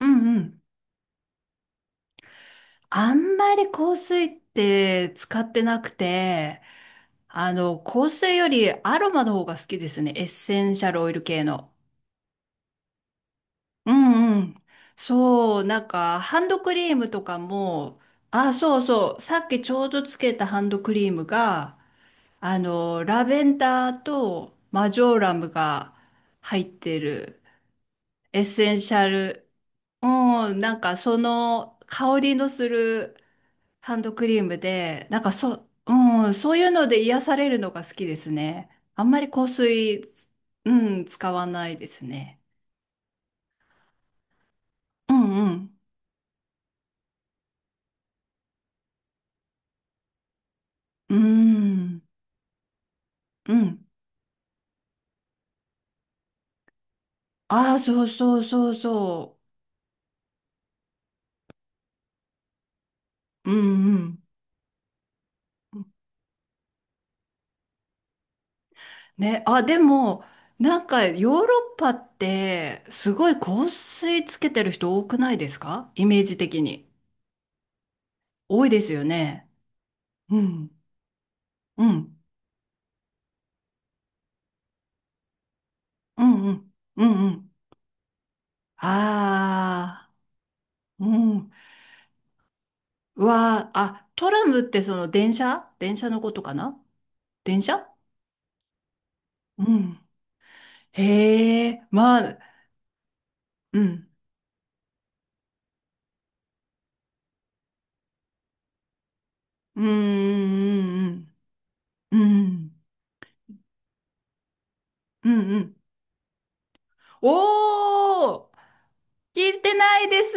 うんうん。あんまり香水って使ってなくて、香水よりアロマの方が好きですね。エッセンシャルオイル系の。うんうん。そう、なんか、ハンドクリームとかも、あ、そうそう、さっきちょうどつけたハンドクリームが、ラベンダーとマジョーラムが入ってるエッセンシャル、うん、なんかその香りのするハンドクリームで、なんかうん、そういうので癒されるのが好きですね。あんまり香水、うん、使わないですね。うんうん。うんうん。ああ、そうそうそうそう。うんうん。ね、あ、でも、なんかヨーロッパってすごい香水つけてる人多くないですか、イメージ的に。多いですよね。うん。うん。うんうん。うんうん。ああ。うん。わー、あ、トラムってその電車のことかな？電車。うん。へえ、まあ、うん。うん、うん、うん、うん、うん、うん。おー、聞いてないです。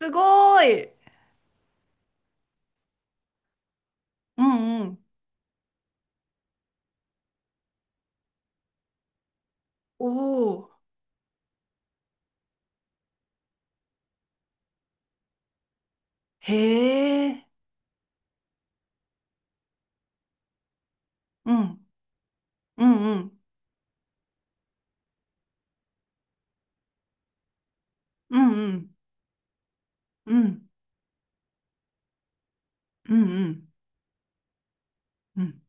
すごい。うん、うん。おー、へえ、うん、うん、うん、うん、うん、うん、うん、うん、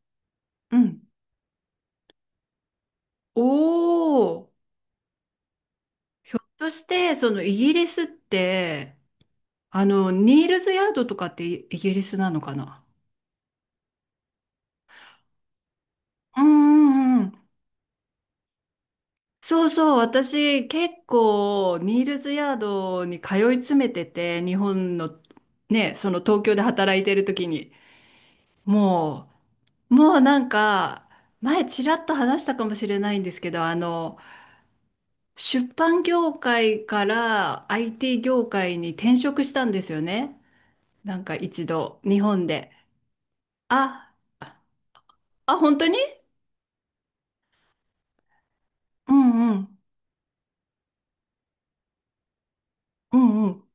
うん。うん。おー、ひょっとして、そのイギリスって、ニールズヤードとかってイギリスなのかな？うんうんうん。そうそう、私結構ニールズヤードに通い詰めてて、日本のね、その東京で働いてる時に、ももうなんか、前ちらっと話したかもしれないんですけど、あの、出版業界から IT 業界に転職したんですよね。なんか一度、日本で。あ、あ、本当に。うんうん。うんうん。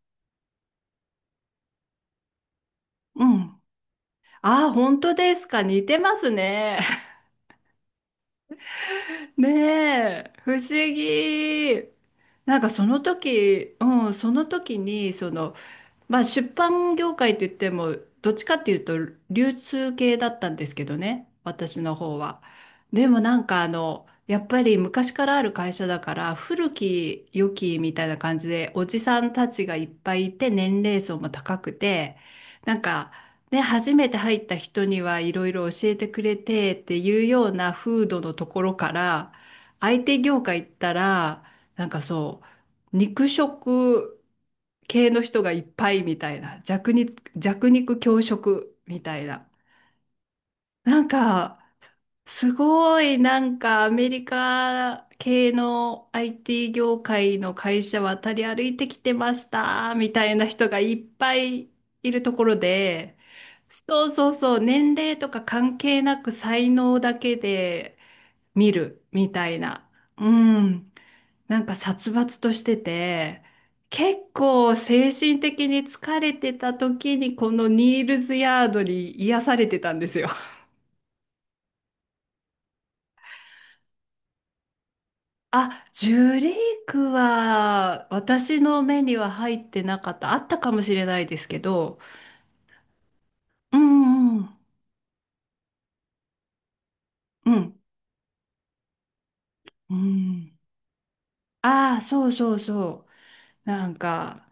うん。ああ、本当ですか。似てますね。ねえ、不思議。なんかその時、うん、その時に、その、まあ、出版業界といっても、どっちかっていうと流通系だったんですけどね、私の方は。でもなんかやっぱり昔からある会社だから古き良きみたいな感じで、おじさんたちがいっぱいいて、年齢層も高くて、なんかね、初めて入った人にはいろいろ教えてくれてっていうような風土のところから、相手業界行ったら、なんか、そう、肉食系の人がいっぱいみたいな、弱肉強食みたいな。なんか、すごいなんかアメリカ系の IT 業界の会社渡り歩いてきてましたみたいな人がいっぱいいるところで、そうそうそう、年齢とか関係なく才能だけで見るみたいな。うん。なんか殺伐としてて、結構精神的に疲れてた時に、このニールズヤードに癒されてたんですよ。あ、ジュリークは私の目には入ってなかった。あったかもしれないですけど。うんうんうん。うん。ああ、そうそうそう。なんか、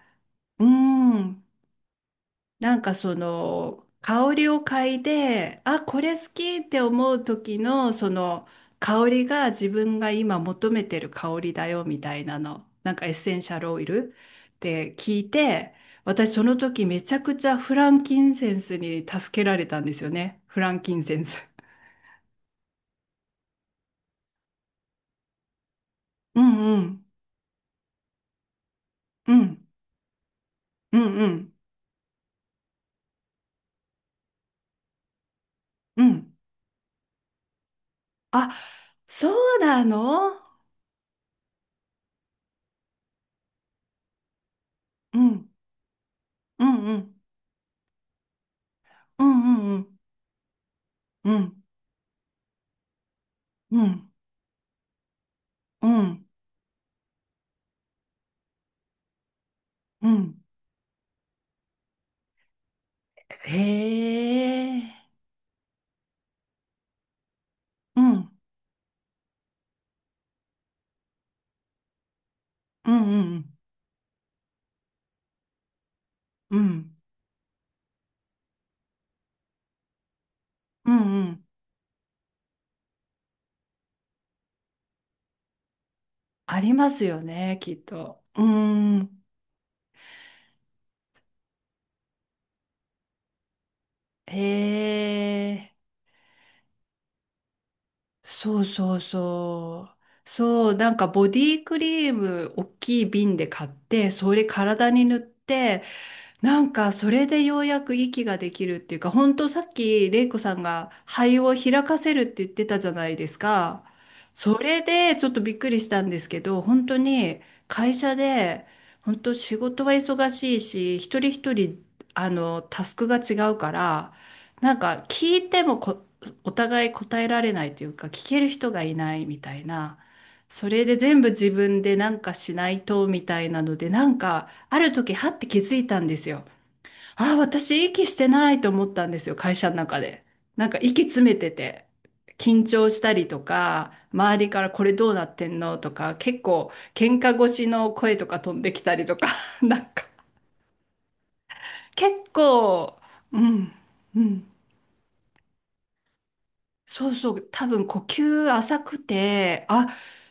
うん。なんかその香りを嗅いで、あ、これ好きって思う時の、その香りが自分が今求めてる香りだよみたいなの、なんかエッセンシャルオイルって聞いて、私その時めちゃくちゃフランキンセンスに助けられたんですよね。フランキンセンス。うんうんうんうんうんうん。あ、そうなの。うんうんうんうんうんうんうんうんうん。へえ。うん。うんうんうん。うん。うんうん。ありますよね、きっと。うーん。へえ。そうそうそう。そう、なんかボディクリーム、大きい瓶で買って、それ体に塗って、なんかそれでようやく息ができるっていうか、本当さっき玲子さんが、肺を開かせるって言ってたじゃないですか。それでちょっとびっくりしたんですけど、本当に会社で、本当仕事は忙しいし、一人一人あのタスクが違うから、なんか聞いても、お互い答えられないというか、聞ける人がいないみたいな。それで全部自分でなんかしないとみたいなので、なんか。ある時、はって気づいたんですよ。ああ、私息してないと思ったんですよ、会社の中で。なんか息詰めてて、緊張したりとか、周りからこれどうなってんのとか、結構喧嘩越しの声とか飛んできたりとか、なんか結構、うん、うん。そうそう、多分呼吸浅くて、あ、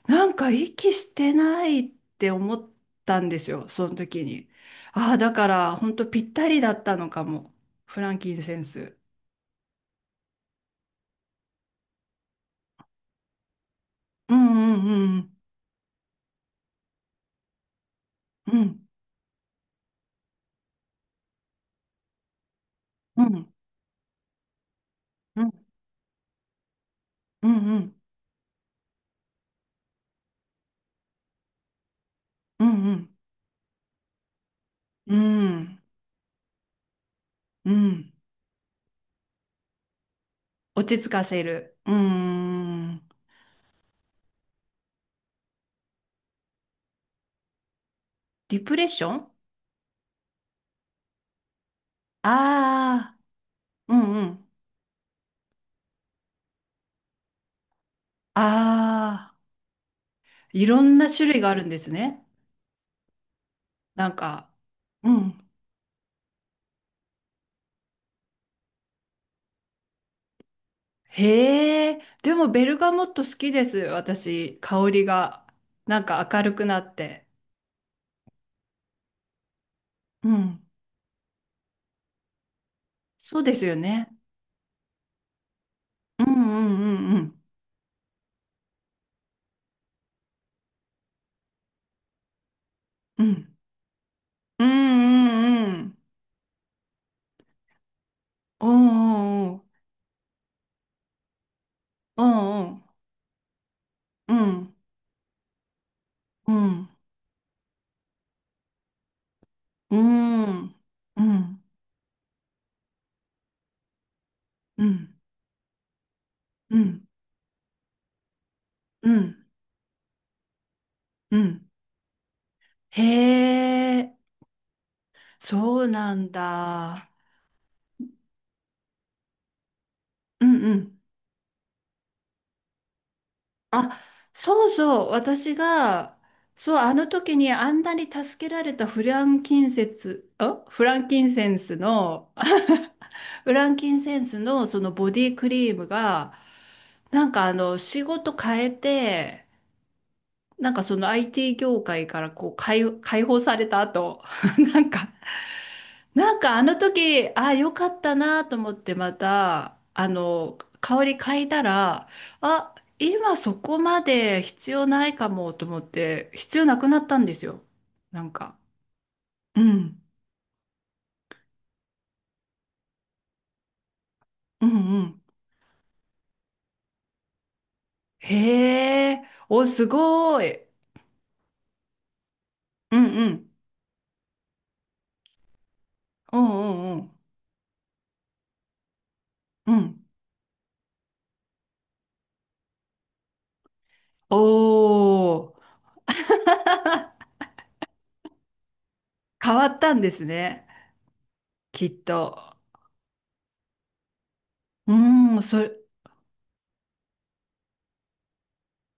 なんか息してないって思ったんですよ、その時に。ああ、だから本当ぴったりだったのかも、フランキンセンス。うんうんうんうんうんうんうんうんうんうん。落ち着かせる。うん。ディプレッション。ああー、うんうん。ああ、いろんな種類があるんですね。なんか、うん。へえ、でもベルガモット好きです、私。香りが。なんか明るくなって。うん。そうですよね。うんうんうんうん。うんうんうんうん。うんうんうん。うんうんうんうんうんうんうんうんうん。へえ、そうなんだ。うんうん。あ、そうそう、私が、そう、あの時にあんなに助けられたフランキンセンスの、フランキンセンスのそのボディクリームが、なんか仕事変えて、なんかその IT 業界から、こう、解放された後、なんか、なんかあの時、ああ、よかったなと思ってまた、香り嗅いだら、あ、今そこまで必要ないかもと思って、必要なくなったんですよ。なんか。うん。うんうん。へえ。お、すごい。うんうん。うんうんうん。うん。おー。変わったんですね、きっと。うーん、それ、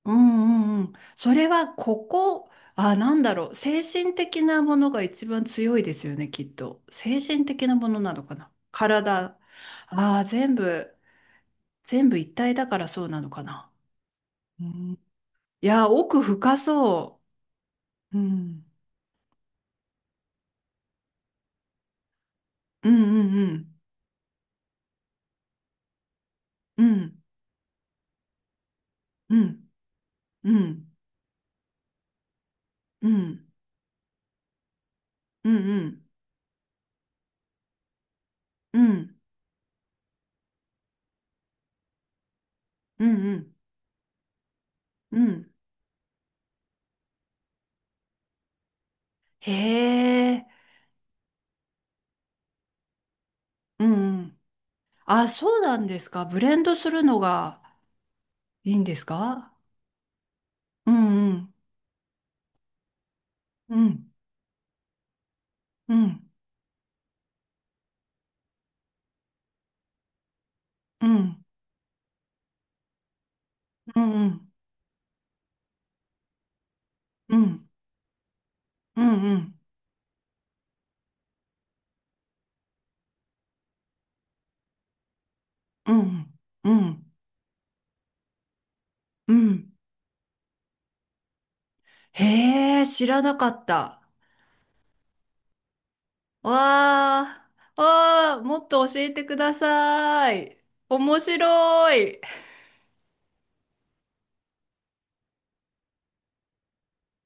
うんうんうん。それはここ、あ、なんだろう。精神的なものが一番強いですよね、きっと。精神的なものなのかな。体。ああ、全部、一体だからそうなのかな。うん、いや、奥深そう。うん、うんうんうん。うん、うん、うん、うん、うん、うん、うん、うん、うん。へえ、うんうんうんうんうんうんうんうんうん。へえ。うんうん。あ、そうなんですか。ブレンドするのが。いいんですか？うんうんうんうんうんうんうんうんうんうんうんうん。へえ、知らなかった。わあ。わあ、もっと教えてください。面白い。